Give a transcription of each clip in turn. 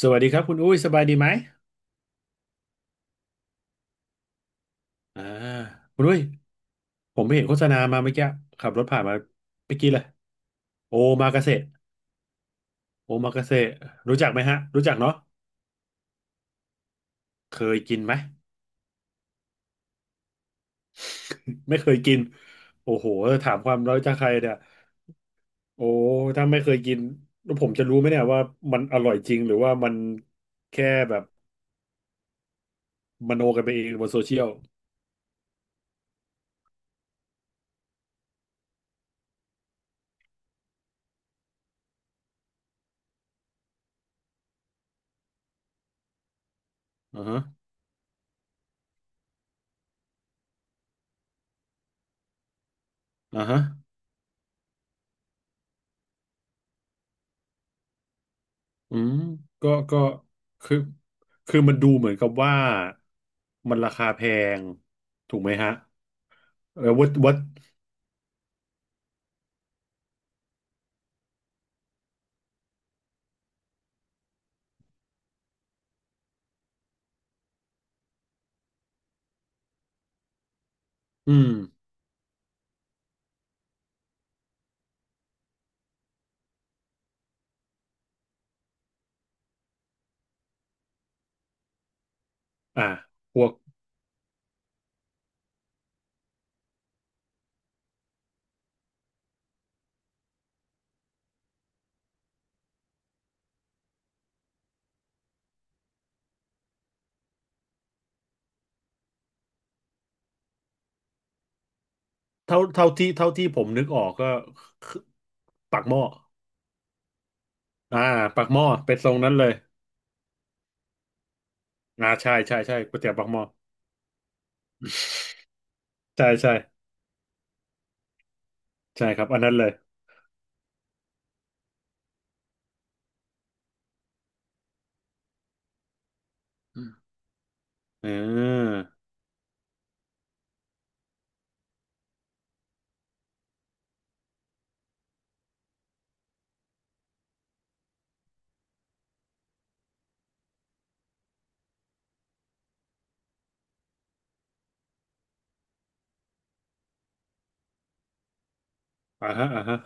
สวัสดีครับคุณอุ้ยสบายดีไหมอ่าคุณอุ้ยผมไปเห็นโฆษณามาเมื่อกี้ขับรถผ่านมาเมื่อกี้เลยโอมากาเสะโอมากาเสะรู้จักไหมฮะรู้จักเนาะเคยกินไหม ไม่เคยกินโอ้โหถามความรู้จักใครเนี่ยโอ้ถ้าไม่เคยกินแล้วผมจะรู้ไหมเนี่ยว่ามันอร่อยจริงหรือว่ามันแค่แบบมโนกันไปเองบนโซเชียลอ่าฮะอ่าฮะ อืมก็คือคือมันดูเหมือนกับว่ามันราคาแพงถูกไหมฮะเออวัดอืมอ่าพวกเท่าที่ผมนึกออกก็คือปักหม้ออ่าปักหม้อเป็นทรงนั้นเลยอ่าใช่ใช่ใช่ก๋วยเตี๋ยวปักหม้อใช่ใช่ใช่ครับอันนั้นเลยอืมอ่าอ่าฮะอ่าฮะ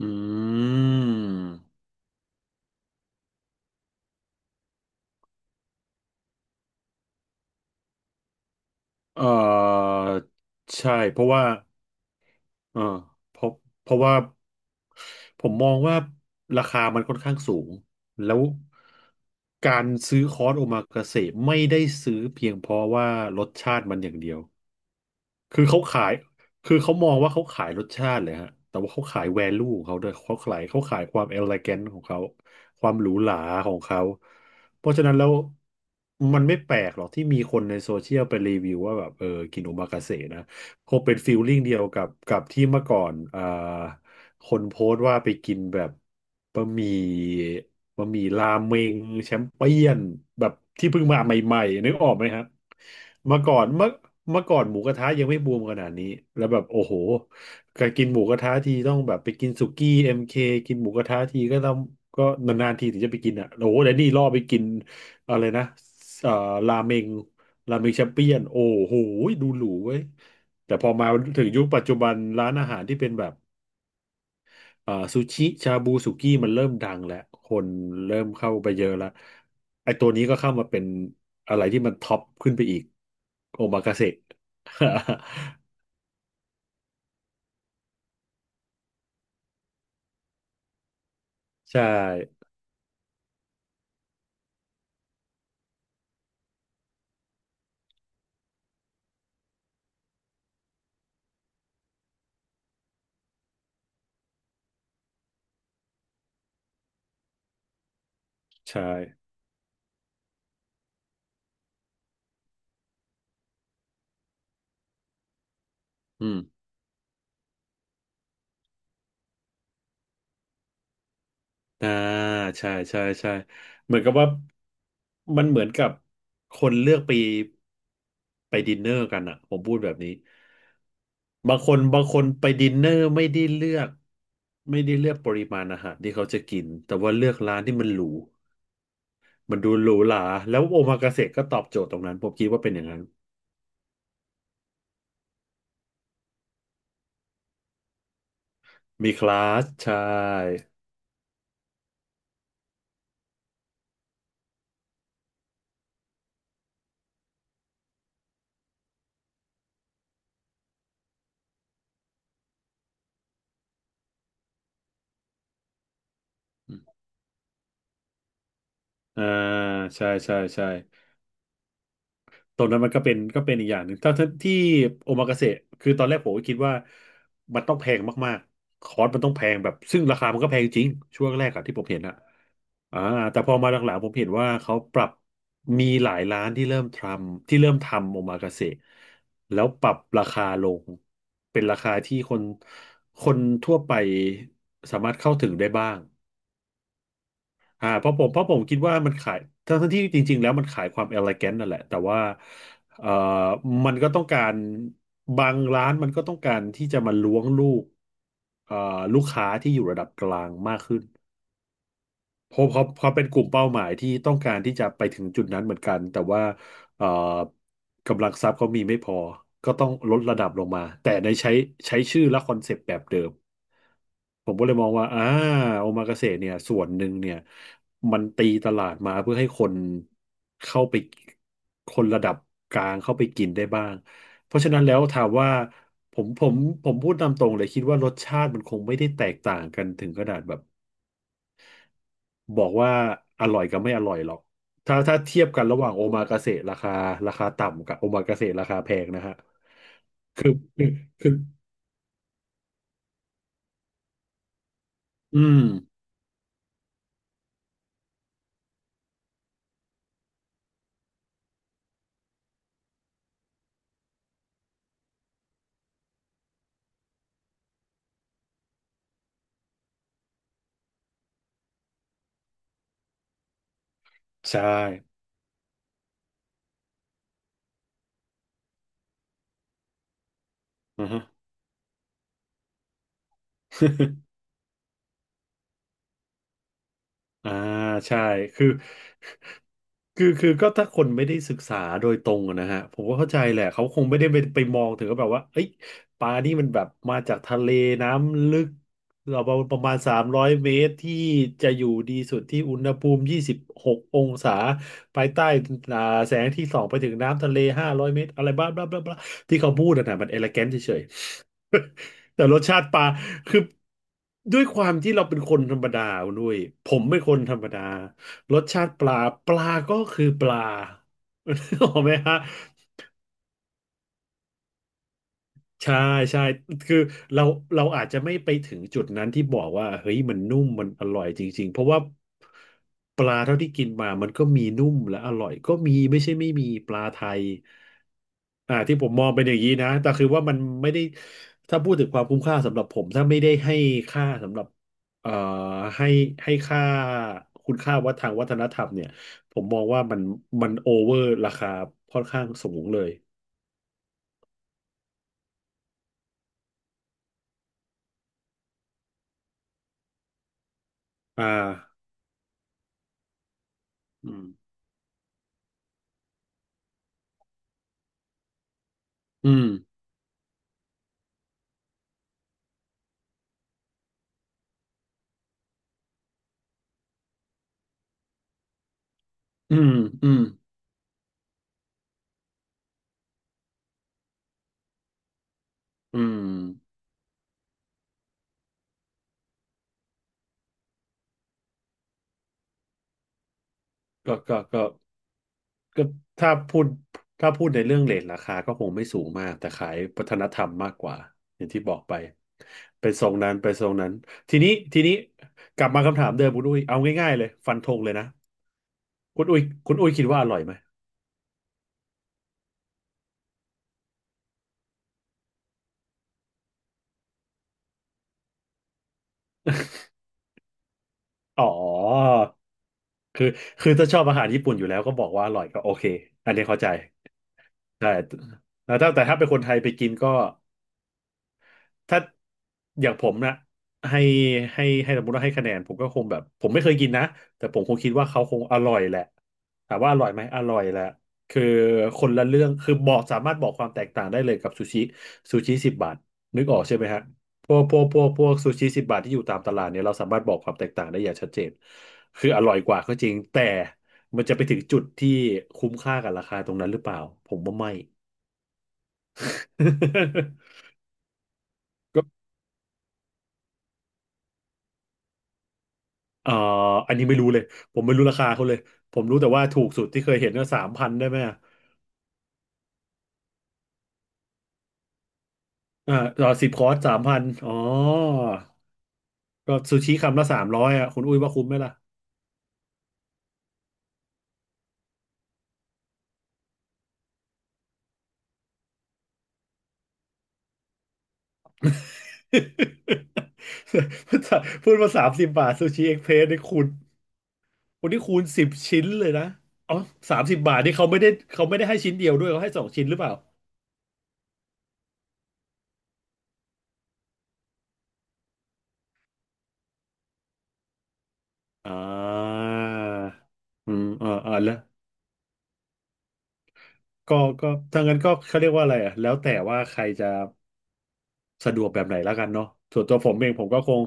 อืมเอ่อใช่เพราะว่า เอ่เพราะเพราะว่าผมมองว่าราคามันค่อนข้างสูงแล้วการซื้อคอร์สโอมากาเสะไม่ได้ซื้อเพียงเพราะว่ารสชาติมันอย่างเดียว คือเขาขายคือเขามองว่าเขาขายรสชาติเลยฮะแต่ว่าเขาขายแวลูของเขาด้วยเขาขายความเอ e ล a ก t ของเขาความหรูหราของเขาเพราะฉะนั้นแล้วมันไม่แปลกหรอกที่มีคนในโซเชียลไปรีวิวว่าแบบเออกินโอมากาเสะนะคงเป็นฟีลลิ่งเดียวกับที่เมื่อก่อนอ่าคนโพสต์ว่าไปกินแบบบะหมี่ บะหมี่ราเมงแชมเปี้ยนแบบที่เพิ่งมาใหม่ๆนึกออกไหมฮะเมื่อก่อนเมื่อเมื่อก่อนหมูกระทะยังไม่บูมขนาดนี้แล้วแบบโอ้โหการกินหมูกระทะทีต้องแบบไปกินสุกี้เอ็มเคกินหมูกระทะทีก็ต้องนานๆทีถึงจะไปกินอ่ะโอ้โหแต่นี่ล่อไปกินอะไรนะเอ่อราเมงราเมงแชมเปี้ยนโอ้โหดูหรูเว้ยแต่พอมาถึงยุคปัจจุบันร้านอาหารที่เป็นแบบ ซูชิชาบูสุกี้มันเริ่มดังแล้วคนเริ่มเข้าไปเยอะแล้วไอ้ตัวนี้ก็เข้ามาเป็นอะไรที่มันท็อปขึ้นไปอีกโอมากาเสะ ใช่ใช่อืมอ่าใช่ใช่ใช่เหมือนกับว่ามันเหมือนกับคนเลือกไปดินเนอร์กันอะผมพูดแบบนี้บางคนบางคนไปดินเนอร์ไม่ได้เลือกปริมาณอาหารที่เขาจะกินแต่ว่าเลือกร้านที่มันหรู มันดูหรูหราแล้วโอมากาเสะก็ตอบโจทย์ตรงนั้นผมคิดว่าเป็นอย่างนั้นมีคลาสใช่อ่าใช่ใช่ใช่ตรงนั้นมันก็เป็นอีกอย่างหนึ่งถ้าที่โอมากาเสะคือตอนแรกผมก็คิดว่ามันต้องแพงมากๆคอร์สมันต้องแพงแบบซึ่งราคามันก็แพงจริงช่วงแรกอะที่ผมเห็นอะ อ่าแต่พอมาหลังๆผมเห็นว่าเขาปรับมีหลายร้านที่เริ่มทำโอมากาเสะแล้วปรับราคาลงเป็นราคาที่คนคนทั่วไปสามารถเข้าถึงได้บ้างอ่าเพราะผมคิดว่ามันขายทั้งๆที่จริงๆแล้วมันขายความเอลิแกนนั่นแหละแต่ว่าเอ่อมันก็ต้องการบางร้านมันก็ต้องการที่จะมาล้วงลูกเอ่อลูกค้าที่อยู่ระดับกลางมากขึ้น เพราะเขาเป็นกลุ่มเป้าหมายที่ต้องการที่จะไปถึงจุดนั้นเหมือนกันแต่ว่าเอ่อกำลังทรัพย์เขามีไม่พอก็ต้องลดระดับลงมาแต่ในใช้ชื่อและคอนเซปต์แบบเดิมผมก็เลยมองว่าอ่าโอมากาเสะเนี่ยส่วนหนึ่งเนี่ยมันตีตลาดมาเพื่อให้คนเข้าไปคนระดับกลางเข้าไปกินได้บ้างเพราะฉะนั้นแล้วถามว่าผมผมผมพูดตามตรงเลยคิดว่ารสชาติมันคงไม่ได้แตกต่างกันถึงขนาดแบบ บอกว่าอร่อยกับไม่อร่อยหรอก ถ้าเทียบกันระหว่างโอมากาเสะราคาต่ำกับโอมากาเสะราคาแพงนะฮะคือคือคืออืม ใช่อือฮะ อ่าใช่คือคือก็ถ้าคนไม่ได้ศึกษาโดยตรงอะนะฮะผมก็เข้าใจแหละเขาคงไม่ได้ไปมองถึงว่าแบบว่าเอ้ยปลานี่มันแบบมาจากทะเลน้ำลึกเราประมาณ300 เมตรที่จะอยู่ดีสุดที่อุณหภูมิ26 องศาภายใต้อ่าแสงที่ส่องไปถึงน้ำทะเล500 เมตรอะไรบ้าบลาบลาบลาที่เขาพูดอะนะมันเอเลแกนเฉยๆ แต่รสชาติปลาคือด้วยความที่เราเป็นคนธรรมดาคุณด้วยผมเป็นคนธรรมดารสชาติปลาปลาก็คือปลา นึกออกไหมฮะ ใช่ใช่คือเราเราอาจจะไม่ไปถึงจุดนั้นที่บอกว่าเฮ้ยมันนุ่มมันอร่อยจริงๆเพราะว่าปลาเท่าที่กินมามันก็มีนุ่มและอร่อยก็มีไม่ใช่ไม่มีปลาไทยที่ผมมองเป็นอย่างนี้นะแต่คือว่ามันไม่ได้ถ้าพูดถึงความคุ้มค่าสำหรับผมถ้าไม่ได้ให้ค่าสำหรับเอ่อให้ให้ค่าคุณค่าว่ทางวัฒนธรรมเนี่ยผมมองว่ามันโอเวอร์ราคาค่อนข้างสูงเลยอ่าอืมอืม อืมอืมอืมก็ก็ก็ก็ถ้าพูดถ้าพูดในเรื่องเรทราคาก็คงไม่สูงมาก แต่ขายวัฒนธรรมมากกว่าอย่างที่บอกไปไปทรงนั้นไปทรงนั้นทีนี้ทีนี้ กลับมาคำถามเดิมคุณอุ้ยเอาง่ายๆเลยฟันธงเลยนะคุณอุ้ยคิดว่าอร่อยไหมอ๋อคือคือถ้าชอบอาหารญี่ปุ่นอยู่แล้วก็บอกว่าอร่อยก็โอเคอันนี้เข้าใจใช่แต่ถ้าเป็นคนไทยไปกินก็ ถ้าอย่างผมนะให้ให้สมมติว่าให้คะแนนผมก็คงแบบผมไม่เคยกินนะแต่ผมคงคิดว่าเขาคงอร่อยแหละถามว่าอร่อยไหมอร่อยแหละคือคนละเรื่องคือบอกสามารถบอกความแตกต่างได้เลยกับซูชิซูชิสิบบาทนึกออกใช่ไหมฮะพวกซูชิสิบบาทที่อยู่ตามตลาดเนี่ยเราสามารถบอกความแตกต่างได้อย่างชัดเจนคืออร่อยกว่าก็จริงแต่มันจะไปถึงจุดที่คุ้มค่ากับราคาตรงนั้นหรือเปล่าผมว่าไม่ เอ่ออันนี้ไม่รู้เลยผมไม่รู้ราคาเขาเลยผมรู้แต่ว่าถูกสุดที่เคยเห็นก็สามพันได้ไหมอะอ่าต่อ10 คอร์สสามพันอ๋อก็ซูชิคำละ300อ่ะคุณอุ้ยว่าคุ้มไหมล่ะ พูดมา30 บาทซูชิเอ็กเพรสนี่คูณวันนี้คูณ10 ชิ้นเลยนะอ๋อสามสิบบาทนี่เขาไม่ได้เขาไม่ได้ให้ชิ้นเดียวด้วยเขาให้2 ชิ้นหรือเปล่าอ่าอืมออเออแล้วก็ก็ถ้างั้นก็เขาเรียกว่าอะไรอ่ะแล้วแต่ว่าใครจะ สะดวกแบบไหนแล้วกันเนาะส่วนตัวผมเองผมก็คง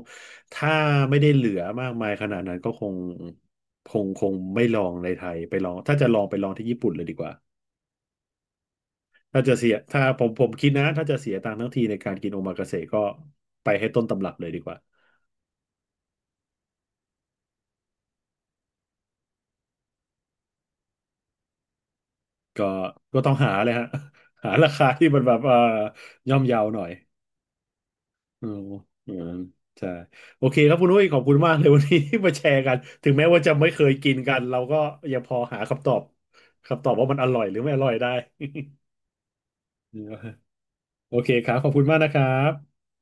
ถ้าไม่ได้เหลือมากมายขนาดนั้นก็คงไม่ลองในไทยไปลองถ้าจะลองไปลองที่ญี่ปุ่นเลยดีกว่าถ้าจะเสียถ้าผมผมคิดนะถ้าจะเสียตังค์ทั้งทีในการกินโอมากาเสะก็ไปให้ต้นตำรับเลยดีกว่าก็ก็ต้องหาเลยฮะ หาราคาที่มันแบบย่อมเยาหน่อย อ๋ออืมใช่โอเคครับคุณอุ้ยขอบคุณมากเลยวันนี้ ที่มาแชร์กัน ถึงแม้ว่าจะไม่เคยกินกัน เราก็ยังพอหาคำตอบคำตอบว่ามันอร่อยหรือไม่อร่อยได้ โอเคครับ ขอบคุณมากนะครับ